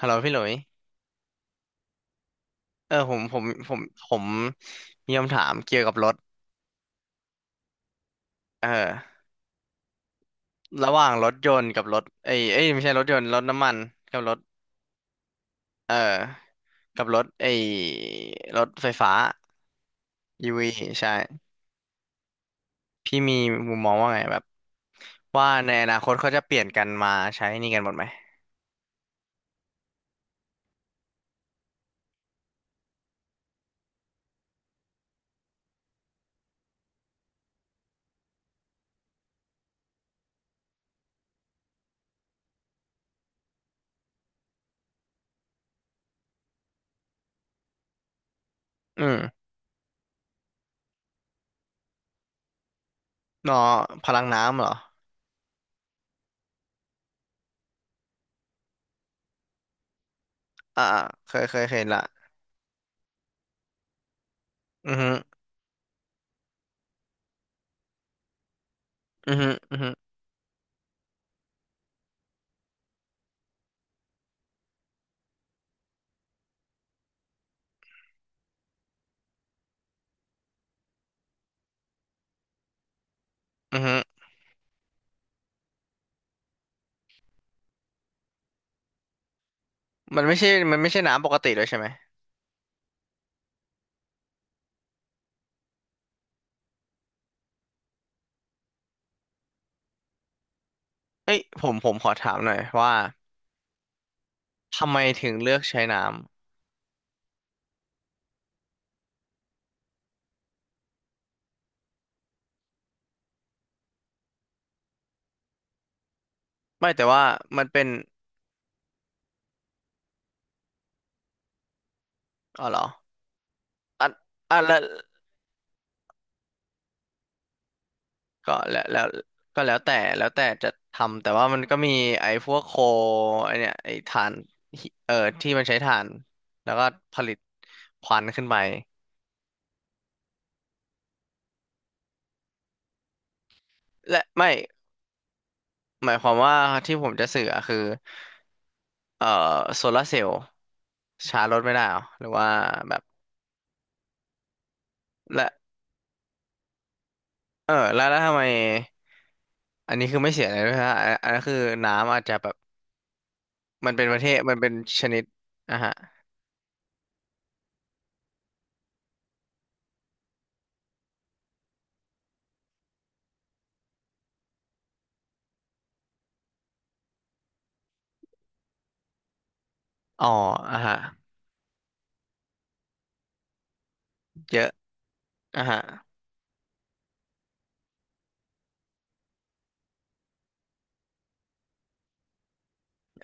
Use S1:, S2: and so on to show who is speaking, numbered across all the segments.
S1: ฮัลโหลพี่หลุยผมผมมีคำถามเกี่ยวกับรถเออระหว่างรถยนต์กับรถเอ้ยเอ้ยไม่ใช่รถยนต์รถน้ำมันกับรถเออกับรถไอ้รถไฟฟ้าอีว v ใช่พี่มีมุมมองว่าไงแบบว่าในอนาคตเขาจะเปลี่ยนกันมาใช้นี่กันหมดไหมอืมนอพลังน้ำเหรออ่าเคยเห็นละอือฮึอือฮึอือฮึอือฮึมันไม่ใช่น้ำปกติด้วยใช่ไหมเอ้ยผมขอถามหน่อยว่า ทำไมถึงเลือกใช้น้ำไม่แต่ว่ามันเป็นอ๋อเหรออ่ะอ่ะแล้วก็แล้วแล้วก็แล้วแต่แล้วแต่จะทำแต่ว่ามันก็มีไอ้พวกโคไอ้เนี่ยไอ้ถ่านหิที่มันใช้ถ่านแล้วก็ผลิตควันขึ้นไปและไม่หมายความว่าที่ผมจะสื่ออะคือเอ่อโซลาร์เซลล์ชาร์จรถไม่ได้เหรอหรือว่าแบบและเออแล้วแล้วทำไมอันนี้คือไม่เสียเลยด้วยฮะอันนั้นคือน้ำอาจจะแบบ มันเป็นประเทศมันเป็นชนิดอ่ะฮะอ๋ออ่ะฮะเยอะอ่ะฮะ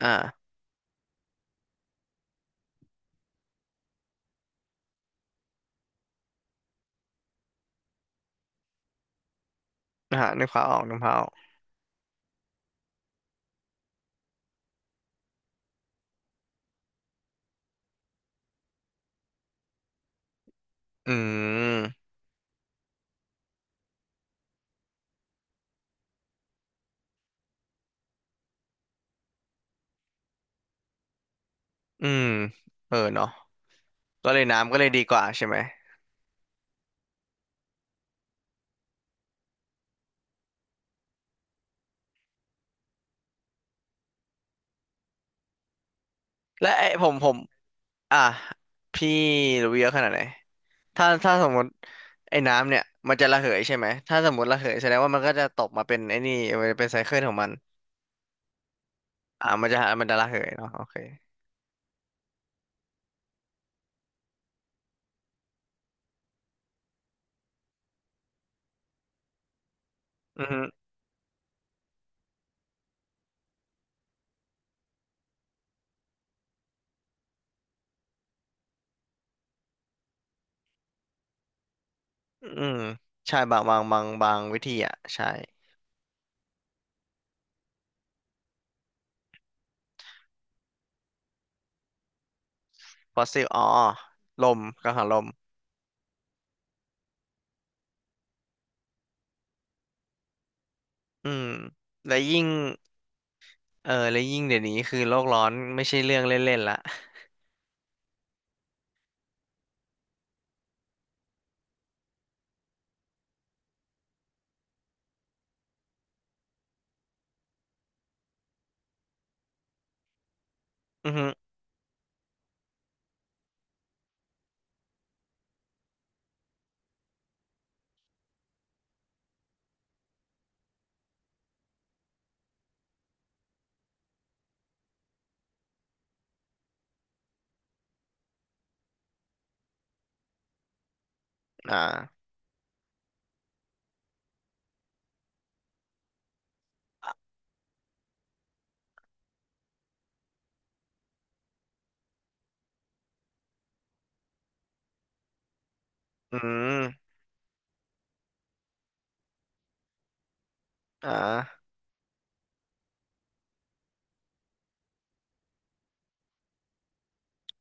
S1: อ่าอ่ะฮะนึกภาพออกอืมอืมเออเนาะก็เลยน้ำก็เลยดีกว่าใช่ไหมและไอ้ผมอ่ะพี่รู้เยอะขนาดไหนถ้าสมมติไอ้น้ำเนี่ยมันจะระเหยใช่ไหมถ้าสมมติระเหยแสดงว่ามันก็จะตกมาเป็นไอ้นี่มันจะเป็นไซเคิลของมันอ่ามันจะระเหยเนาะโอเคอืมอฮึอืมใช่บางบางวิธีอ่ะใช่ ฟอสซิลอ๋อลมกังหันลมอืมและยิ่งเออและยิ่งเดี๋ยวนี้คือโลกร้อนไม่ใช่เรื่องเล่นๆละอือฮึอ่าอืมอ่า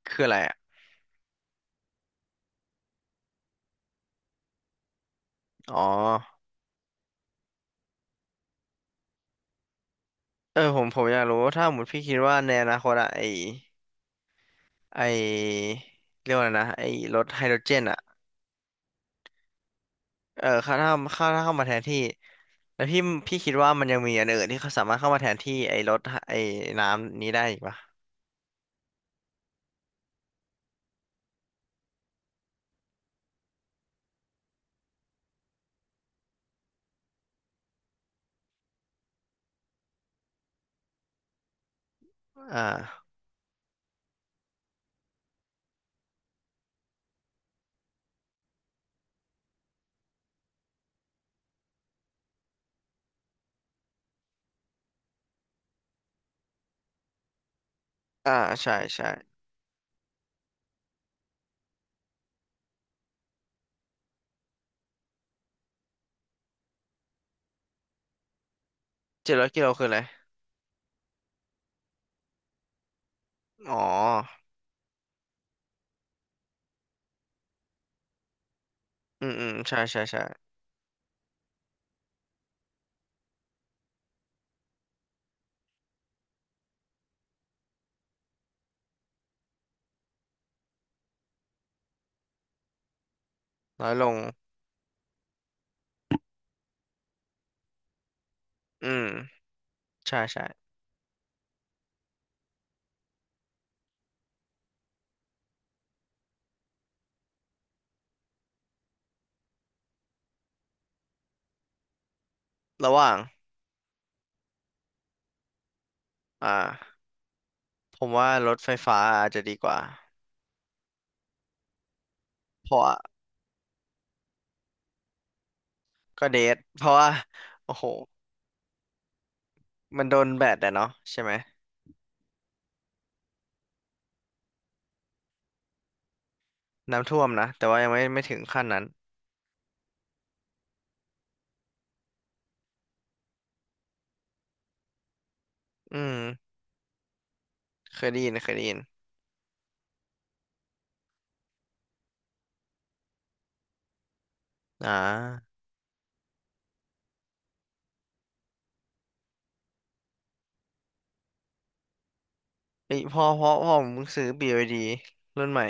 S1: คืออะไรอ่ะ อ๋อเออผมอยากรู้ว่าถ้าสมมติพี่คิดว่าในอนาคตอะไอไอเรียกว่าอะไรนะไอรถไฮโดรเจนอะเออถ้าเข้ามาแทนที่แล้วพี่คิดว่ามันยังมีอันอื่นที่เขาสามารถเข้ามาแทนที่ไอรถไอน้ำนี้ได้อีกปะอ่าอ่าใช่ใช่เจ็ดร้อยกิโลคืออะไรอ๋อ อืมอืมใช่ใช่ใช่น้อยลงอืมใช่ใช่ระหว่างอ่าผมว่ารถไฟฟ้าอาจจะดีกว่าเพราะว่าก็เดทเพราะว่าโอ้โหมันโดนแบดอะเนาะใช่ไหมน้ำท่วมนะแต่ว่ายังไม่ไม่ถึงขั้นนั้นอืมเคยได้ยินเคยได้ยินอ่าเอ้ยพ่อผมเพิ่งซื้อ b y รุ่นใหม่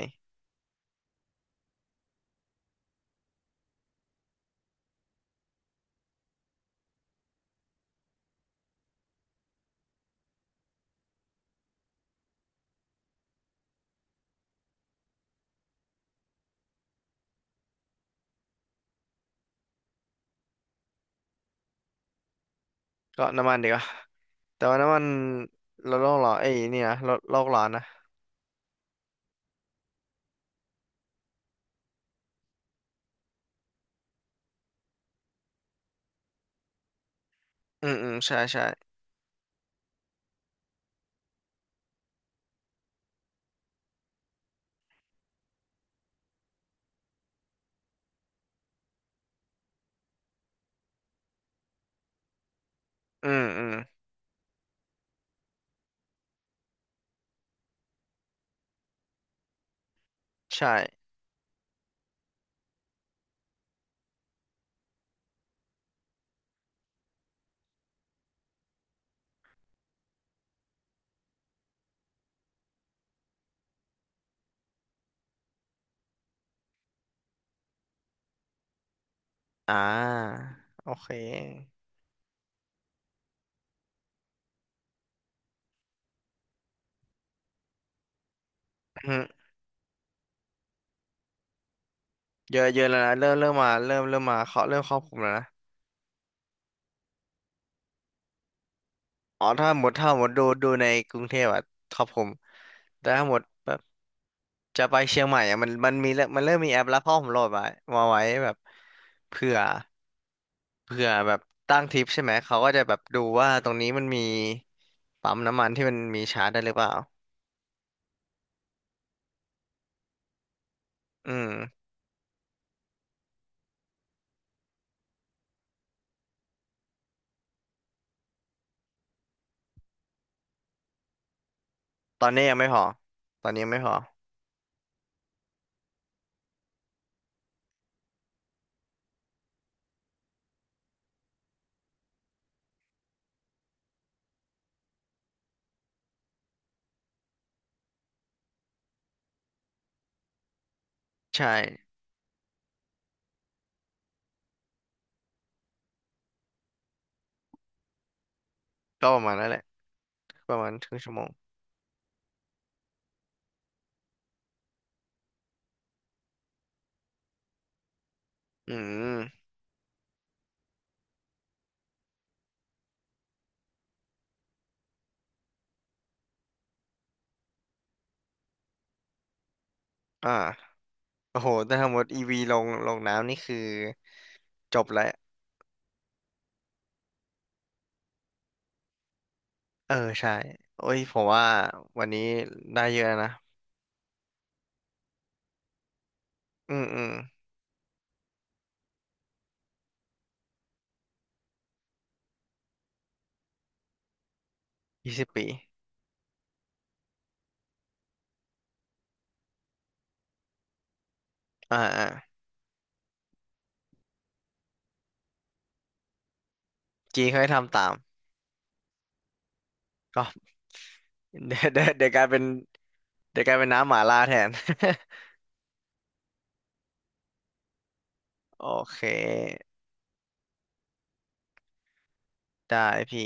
S1: ก็น้ำมันดีกว่าแต่ว่าน้ำมันลดโลกร้อนเอ้ยนี่นะลดโลกร้อนนะอืมอืมใช่ใช่อืมอืมใช่อ่าโอเค อืมเยอะเยอะแล้วนะเริ่มมาเริ่มมาเขาเริ่มครอบคลุมแล้วนะอ๋อถ้าหมดถ้าหมดดูดูในกรุงเทพอะครอบคลุมแต่ถ้าหมดแบบจะไปเชียงใหม่อะมันมันมีแล้วมันเริ่มมีแอปแล้วพ่อผมโหลดมามาไว้แบบเผื่อเผื่อแบบตั้งทริปใช่ไหมเขาก็จะแบบดูว่าตรงนี้มันมีปั๊มน้ำมันที่มันมีชาร์จได้หรือเปล่าอืมตอนนี้ยังไม่พอตอนนี้ยังไม่พอใช่ก็ประมาณนั้นแหละประมาณครึ่งชั่วโมงอืมอ่า โอ้โหแต่ถ้าหมดตอีวีลงลงน้ำนี่คือจบแล้วเออใช่ โอ้ยผมว่าวันนี้ได้เยอะนะ อืมอืม20 ปีอ่าอ่าจีเขาให้ทำตาม ก็ เดี๋ยวกลายเป็นเดี๋ยวกลายเป็นน้ำหมาล่าแทน โอเค ได้พี่